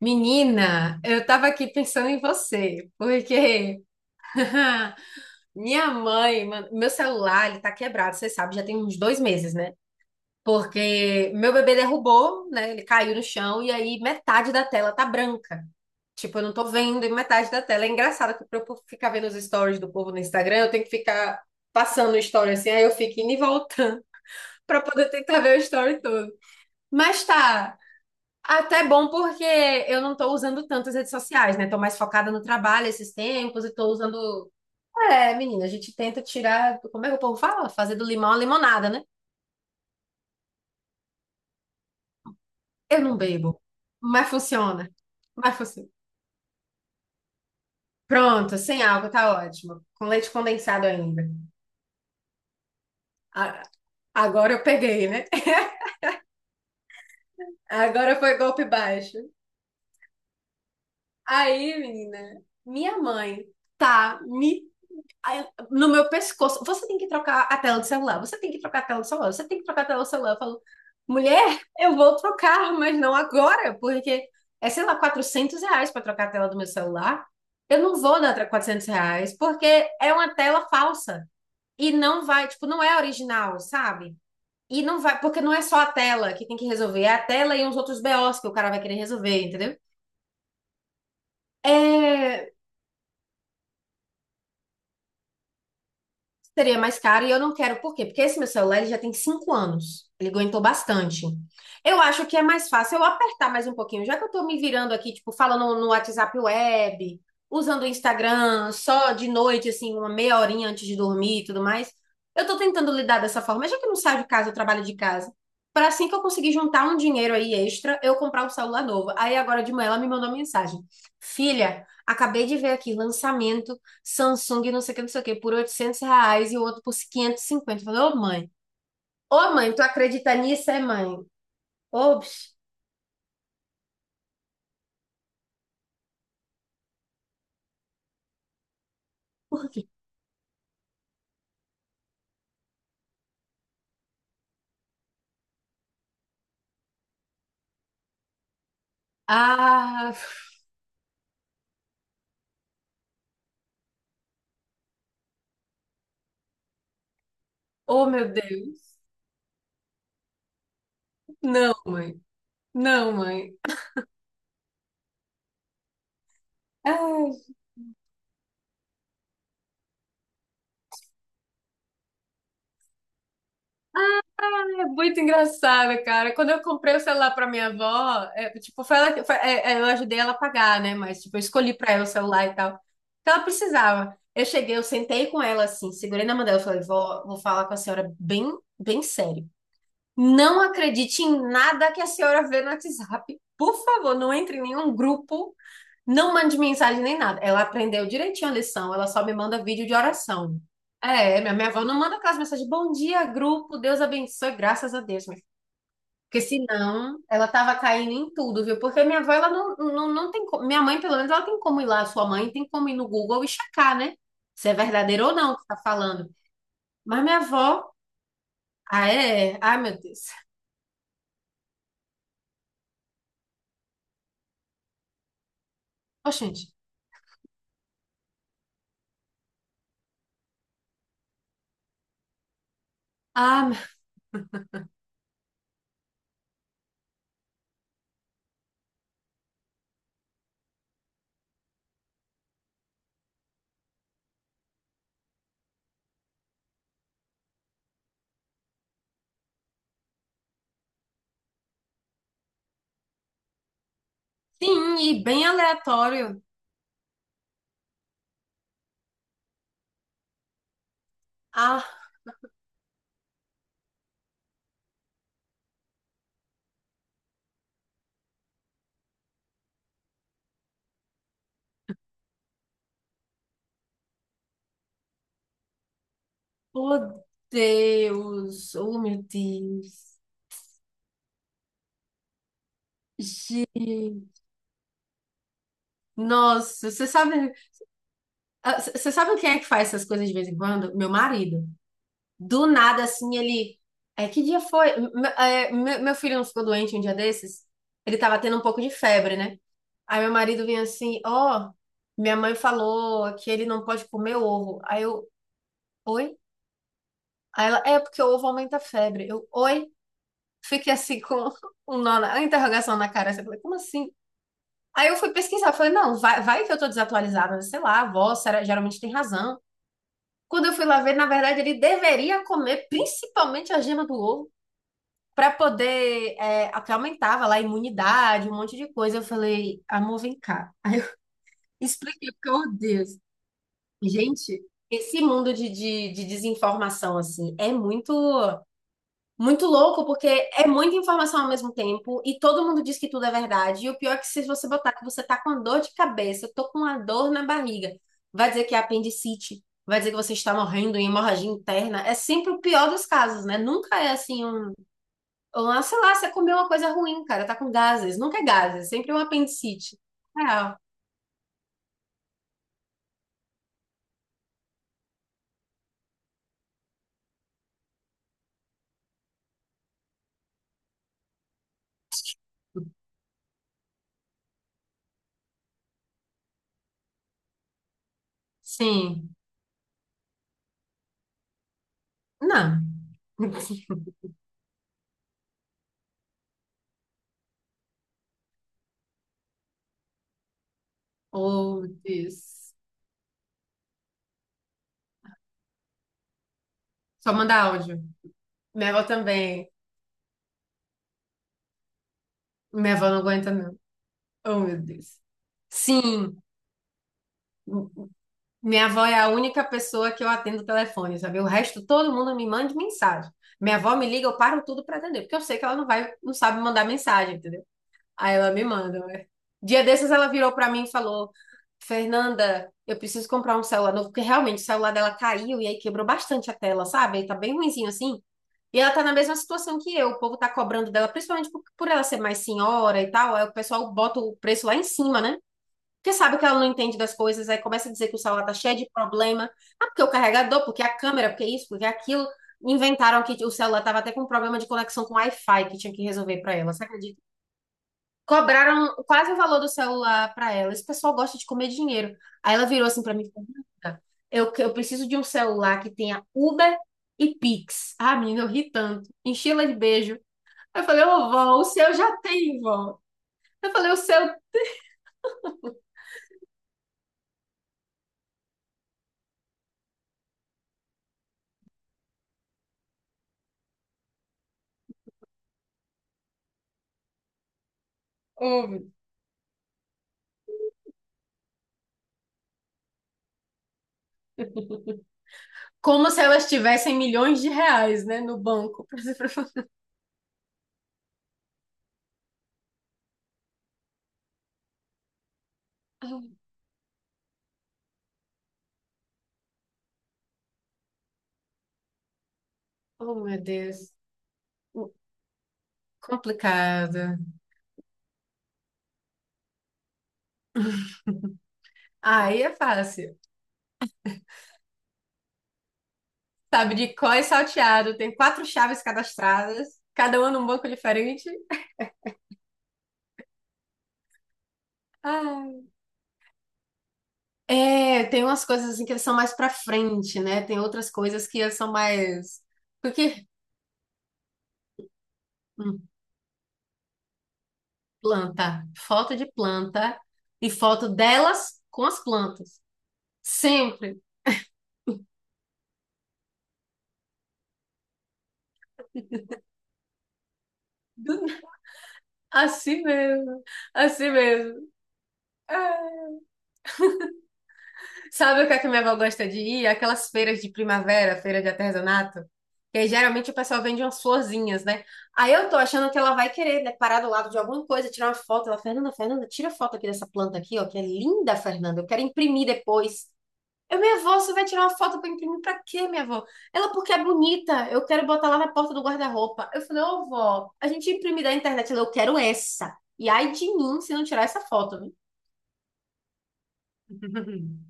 Menina, eu tava aqui pensando em você, porque minha mãe, mano, meu celular, ele tá quebrado, você sabe, já tem uns 2 meses, né? Porque meu bebê derrubou, né? Ele caiu no chão e aí metade da tela tá branca. Tipo, eu não tô vendo e metade da tela. É engraçado que pra eu ficar vendo os stories do povo no Instagram, eu tenho que ficar passando o story assim, aí eu fico indo e voltando pra poder tentar ver o story todo. Mas tá, até bom porque eu não estou usando tanto as redes sociais, né? Estou mais focada no trabalho esses tempos e estou usando. É, menina, a gente tenta tirar. Como é que o povo fala? Fazer do limão a limonada, né? Eu não bebo, mas funciona. Mas funciona. Pronto, sem álcool tá ótimo. Com leite condensado ainda. A- Agora eu peguei, né? Agora foi golpe baixo. Aí, menina, minha mãe tá me no meu pescoço. Você tem que trocar a tela do celular, você tem que trocar a tela do celular, você tem que trocar a tela do celular. Eu falo, mulher, eu vou trocar, mas não agora, porque é, sei lá, R$ 400 para trocar a tela do meu celular. Eu não vou dar R$ 400, porque é uma tela falsa. E não vai, tipo, não é original, sabe? E não vai, porque não é só a tela que tem que resolver, é a tela e uns outros BOs que o cara vai querer resolver, entendeu? É, seria mais caro e eu não quero. Por quê? Porque esse meu celular ele já tem 5 anos. Ele aguentou bastante. Eu acho que é mais fácil eu apertar mais um pouquinho, já que eu tô me virando aqui, tipo, falando no WhatsApp web, usando o Instagram só de noite, assim, uma meia horinha antes de dormir e tudo mais. Eu tô tentando lidar dessa forma, já que eu não saio de casa, eu trabalho de casa. Para assim que eu conseguir juntar um dinheiro aí extra, eu comprar um celular novo. Aí agora de manhã ela me mandou mensagem: Filha, acabei de ver aqui lançamento Samsung, não sei o que, não sei o que, por R$ 800 e o outro por 550. Eu falei, ô mãe, tu acredita nisso, é mãe? Ô, bicho, por quê? Ah, oh meu Deus. Não, mãe. Não, mãe. Ai, é muito engraçado, cara. Quando eu comprei o celular pra minha avó, é, tipo, foi ela, eu ajudei ela a pagar, né? Mas, tipo, eu escolhi pra ela o celular e tal. Então, ela precisava. Eu cheguei, eu sentei com ela assim, segurei na mão dela e falei, vó, vou falar com a senhora bem, bem sério. Não acredite em nada que a senhora vê no WhatsApp. Por favor, não entre em nenhum grupo, não mande mensagem nem nada. Ela aprendeu direitinho a lição, ela só me manda vídeo de oração. É, minha avó não manda aquelas mensagens, bom dia, grupo, Deus abençoe, graças a Deus. Minha filha. Porque senão, ela tava caindo em tudo, viu? Porque minha avó, ela não tem como, minha mãe, pelo menos, ela tem como ir lá, sua mãe tem como ir no Google e checar, né? Se é verdadeiro ou não o que tá falando. Mas minha avó, ah, é? Ai, meu Deus. Oxente. Ah, sim, e bem aleatório. Ah, oh Deus, oh meu Deus. Gente, nossa, você sabe, ah, você sabe quem é que faz essas coisas de vez em quando? Meu marido. Do nada, assim, ele. É, que dia foi? Meu filho não ficou doente um dia desses? Ele tava tendo um pouco de febre, né? Aí meu marido vinha assim, ó, minha mãe falou que ele não pode comer ovo. Aí eu, oi? Aí ela, é porque o ovo aumenta a febre. Eu, oi? Fiquei assim com um nó na, uma interrogação na cara. Assim, eu falei, como assim? Aí eu fui pesquisar, falei, não, vai que eu tô desatualizada, né? Sei lá, a avó geralmente tem razão. Quando eu fui lá ver, na verdade, ele deveria comer principalmente a gema do ovo para poder, que aumentava lá a imunidade, um monte de coisa. Eu falei, amor, vem cá. Aí eu expliquei, porque, oh Deus, gente, esse mundo de desinformação, assim, é muito. Muito louco, porque é muita informação ao mesmo tempo e todo mundo diz que tudo é verdade. E o pior é que se você botar que você tá com dor de cabeça, eu tô com uma dor na barriga, vai dizer que é apendicite, vai dizer que você está morrendo em hemorragia interna. É sempre o pior dos casos, né? Nunca é assim um, ah, sei lá, você comeu uma coisa ruim, cara, tá com gases. Nunca é gases, sempre é um apendicite. É. Sim. Não. Oh, Deus. Só mandar áudio. Minha avó também. Minha avó não aguenta, não. Oh, meu Deus. Sim, minha avó é a única pessoa que eu atendo o telefone, sabe? O resto, todo mundo me manda mensagem. Minha avó me liga, eu paro tudo pra atender, porque eu sei que ela não vai, não sabe mandar mensagem, entendeu? Aí ela me manda, né? Dia desses ela virou pra mim e falou: Fernanda, eu preciso comprar um celular novo, porque realmente o celular dela caiu e aí quebrou bastante a tela, sabe? Aí tá bem ruinzinho assim. E ela tá na mesma situação que eu, o povo tá cobrando dela, principalmente por ela ser mais senhora e tal, aí o pessoal bota o preço lá em cima, né? Porque sabe que ela não entende das coisas, aí começa a dizer que o celular tá cheio de problema. Ah, porque o carregador, porque a câmera, porque isso, porque aquilo. Inventaram que o celular tava até com problema de conexão com Wi-Fi que tinha que resolver pra ela, você acredita? Cobraram quase o valor do celular pra ela. Esse pessoal gosta de comer dinheiro. Aí ela virou assim pra mim, e falou, "Renata, eu preciso de um celular que tenha Uber e Pix. Ah, menina, eu ri tanto. Enchi ela de beijo. Aí eu falei, ô, vó, o seu já tem, vó. Eu falei, o seu. Ô, como se elas tivessem milhões de reais, né, no banco. Oh, meu Deus. Complicado. Aí é fácil. Sabe? Sabadicó e salteado. Tem quatro chaves cadastradas. Cada uma num banco diferente. Ah. É, tem umas coisas assim que eles são mais pra frente, né? Tem outras coisas que eles são mais... Porque hum, planta. Foto de planta. E foto delas com as plantas. Sempre. Do- Assim mesmo. Assim mesmo. É. Sabe o que é que minha avó gosta de ir? Aquelas feiras de primavera, feira de artesanato. Que aí, geralmente o pessoal vende umas florzinhas, né? Aí eu tô achando que ela vai querer, né, parar do lado de alguma coisa, tirar uma foto. Ela, Fernanda, Fernanda, tira foto aqui dessa planta aqui, ó, que é linda, Fernanda. Eu quero imprimir depois. Eu, minha avó, você vai tirar uma foto pra imprimir pra quê, minha avó? Ela, porque é bonita. Eu quero botar lá na porta do guarda-roupa. Eu falei, ô, vó, a gente imprime da internet. Ela, eu quero essa. E ai de mim se não tirar essa foto, viu?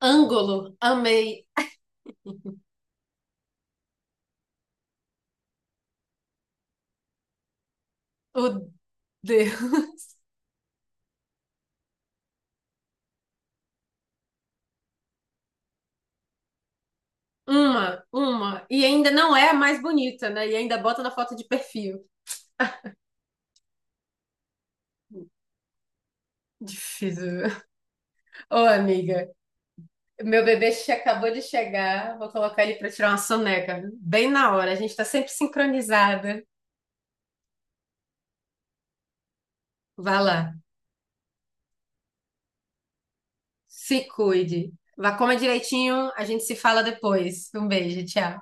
Ângulo, amei. O Deus. Uma, uma. E ainda não é a mais bonita, né? E ainda bota na foto de perfil. Difícil. Ô, amiga, meu bebê acabou de chegar. Vou colocar ele pra tirar uma soneca. Bem na hora. A gente tá sempre sincronizada. Vá lá. Se cuide. Vá, coma direitinho. A gente se fala depois. Um beijo, tchau.